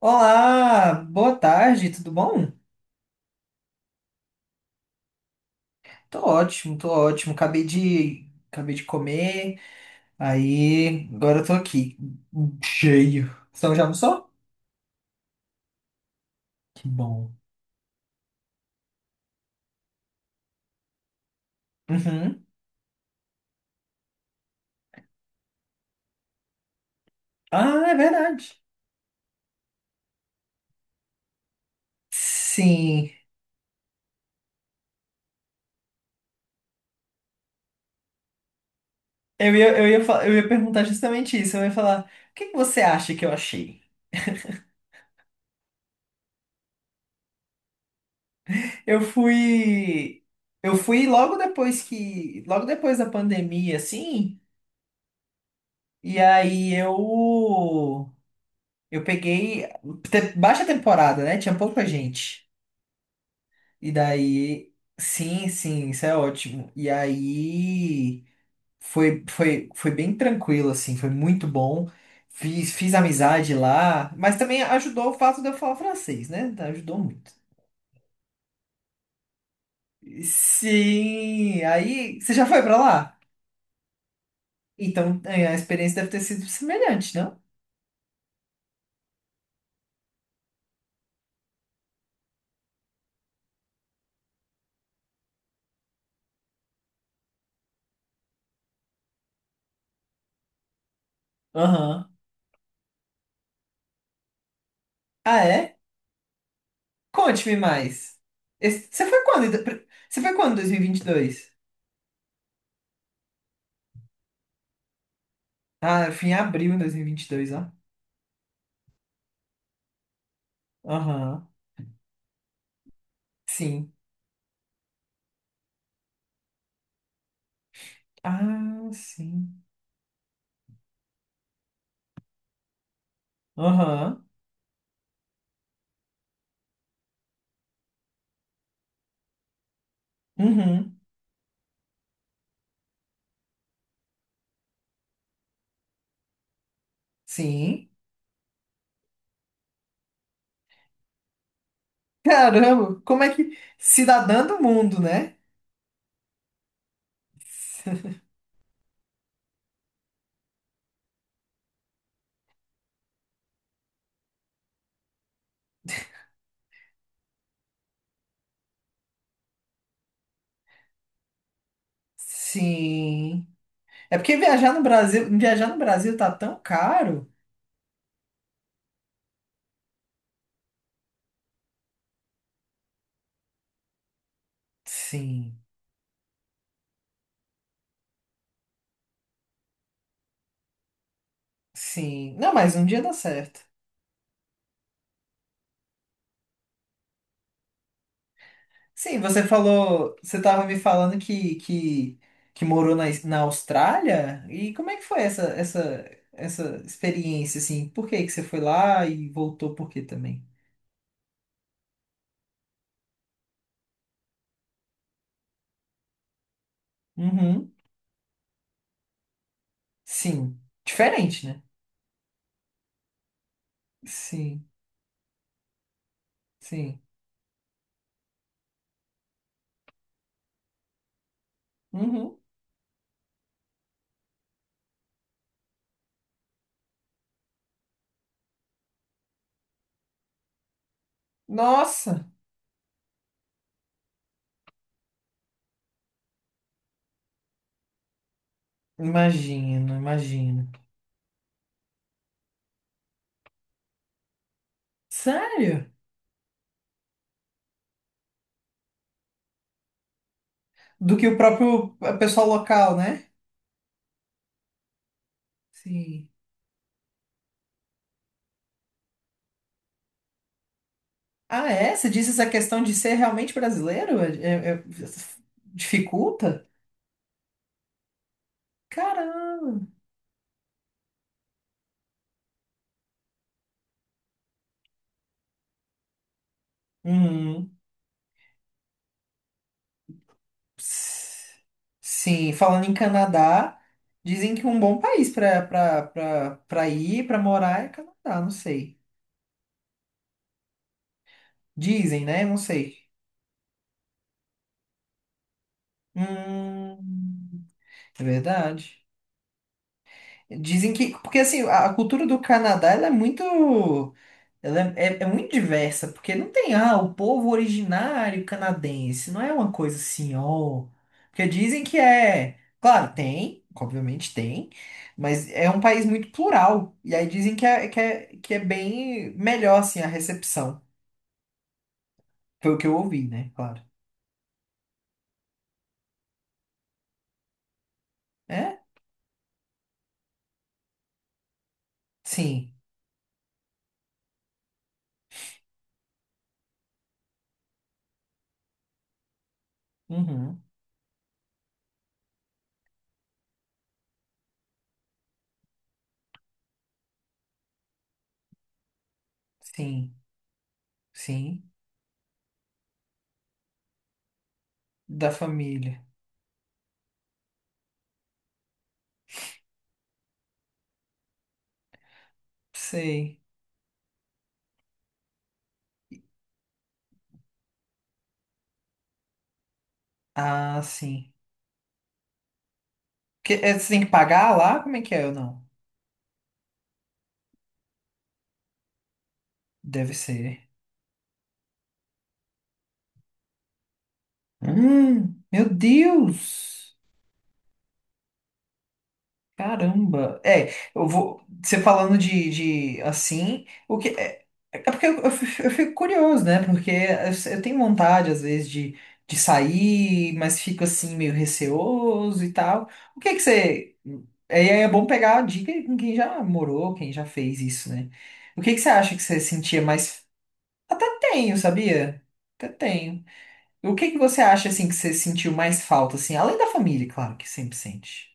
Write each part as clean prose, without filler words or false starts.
Olá, boa tarde, tudo bom? Tô ótimo, tô ótimo. Acabei de comer, aí agora eu tô aqui, cheio. Você já almoçou? Que bom. Uhum. Ah, é verdade. Sim. Eu ia perguntar justamente isso. Eu ia falar, o que que você acha que eu achei? Eu fui, eu fui logo depois que, logo depois da pandemia, assim, e aí eu peguei baixa temporada, né? Tinha pouca gente. E daí, sim, sim, isso é ótimo. E aí foi bem tranquilo, assim, foi muito bom. Fiz amizade lá, mas também ajudou o fato de eu falar francês, né? Então, ajudou muito. Sim, aí você já foi pra lá? Então é, a experiência deve ter sido semelhante, não? Aham. Ah, é? Conte-me mais. Você foi quando? Você foi quando em 2022? Ah, eu fui em abril de dois mil e vinte e dois, ó. Aham. Sim. Ah, sim. Aham. Uhum. Sim. Caramba, como é que. Cidadã do mundo, né? Sim. É porque viajar no Brasil tá tão caro. Sim. Sim. Não, mas um dia dá certo. Sim, você falou, você estava me falando que morou na Austrália? E como é que foi essa experiência, assim? Por que que você foi lá e voltou por quê também? Uhum, sim. Diferente, né? Sim, sim. Uhum. Nossa, imagino, imagino. Sério? Do que o próprio pessoal local, né? Sim. Ah, é? Você disse essa questão de ser realmente brasileiro? É- é- Dificulta? Caramba! Uhum. S- Sim, falando em Canadá, dizem que um bom país para ir, para morar é Canadá, não sei. Dizem, né? Não sei. Hum, é verdade. Dizem que, porque assim, a cultura do Canadá ela é muito. Ela é muito diversa, porque não tem, ah, o povo originário canadense, não é uma coisa assim, ó. Porque dizem que é. Claro, tem, obviamente tem, mas é um país muito plural. E aí dizem que é bem melhor, assim, a recepção. Foi o que eu ouvi, né? Claro. É? Sim. Uhum. Sim. Sim. Da família. Sei. Ah, sim. Que, é, você tem que pagar lá? Como é que é ou não? Deve ser. Meu Deus! Caramba! É, eu vou. Você falando de assim, o que. É, é porque eu fico curioso, né? Porque eu tenho vontade, às vezes, de sair, mas fico assim, meio receoso e tal. O que que você. É, e aí é bom pegar a dica com quem já morou, quem já fez isso, né? O que que você acha que você sentia mais. Até tenho, sabia? Até tenho. O que que você acha assim que você sentiu mais falta assim, além da família, claro que sempre sente.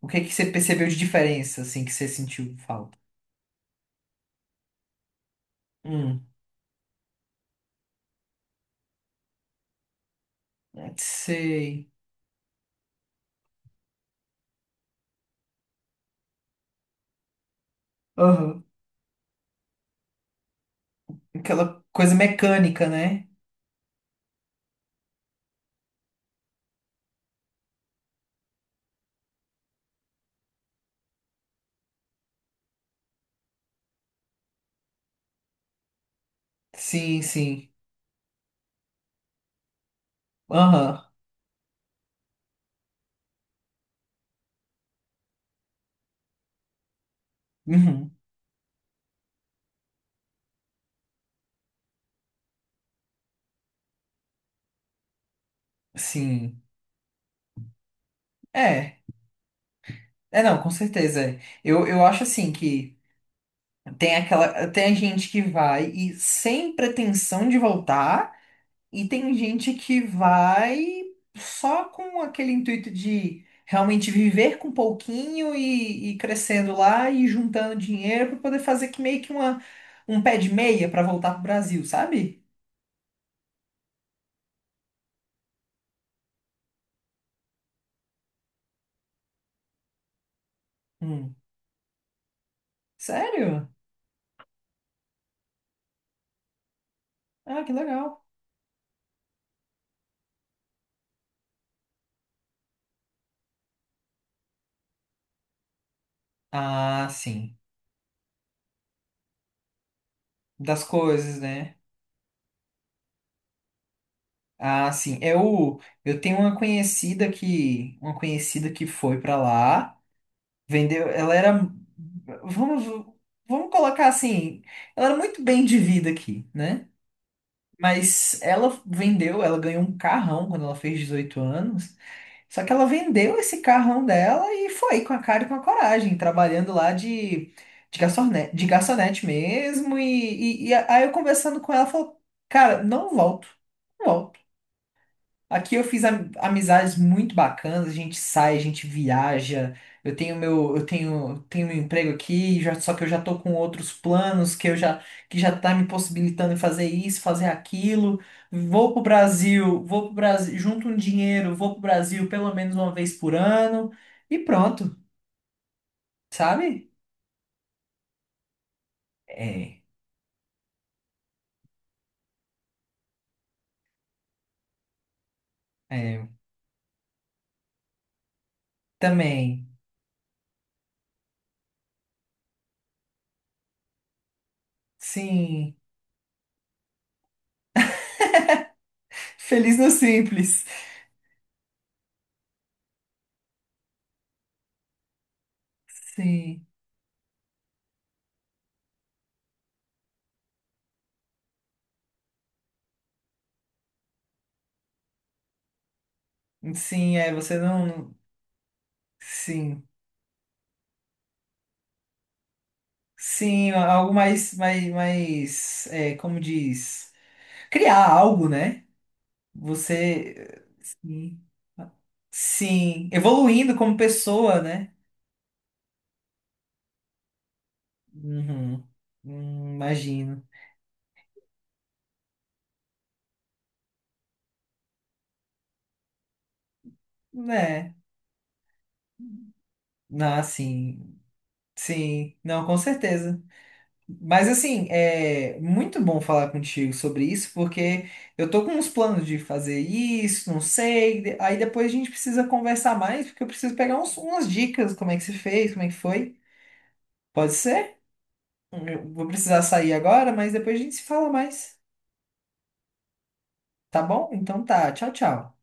O que que você percebeu de diferença assim que você sentiu falta? Hum, sei. Aham. Aquela coisa mecânica, né? Sim, sim. Aham. Uhum. Sim. É. É, não, com certeza. É. Eu acho assim que tem aquela tem a gente que vai e sem pretensão de voltar. E tem gente que vai só com aquele intuito de realmente viver com pouquinho e crescendo lá e juntando dinheiro para poder fazer que meio que uma, um pé de meia para voltar pro Brasil, sabe? Hum. Sério? Ah, que legal. Ah, sim. Das coisas, né? Ah, sim. Eu tenho uma conhecida que foi para lá. Vendeu, ela era, vamos, vamos colocar assim, ela era muito bem de vida aqui, né? Mas ela vendeu, ela ganhou um carrão quando ela fez 18 anos. Só que ela vendeu esse carrão dela e foi com a cara e com a coragem, trabalhando lá de garçonete mesmo. E, e aí eu conversando com ela, ela falou, cara, não volto, não volto. Aqui eu fiz amizades muito bacanas, a gente sai, a gente viaja. Eu tenho meu, eu tenho meu emprego aqui, só que eu já tô com outros planos que já tá me possibilitando em fazer isso, fazer aquilo. Vou pro Brasil, junto um dinheiro, vou pro Brasil pelo menos uma vez por ano e pronto, sabe? É, é, também. Sim. Feliz no simples. Sim. Sim, é, você não, sim. Sim, algo mais, mais, mais, é, como diz? Criar algo, né? Você, sim, sim, evoluindo como pessoa, né? Uhum. Imagino. Né. Ah, sim, sim, não, com certeza. Mas assim, é muito bom falar contigo sobre isso, porque eu tô com uns planos de fazer isso, não sei. Aí depois a gente precisa conversar mais, porque eu preciso pegar umas dicas, como é que se fez, como é que foi. Pode ser? Eu vou precisar sair agora, mas depois a gente se fala mais. Tá bom? Então tá. Tchau, tchau.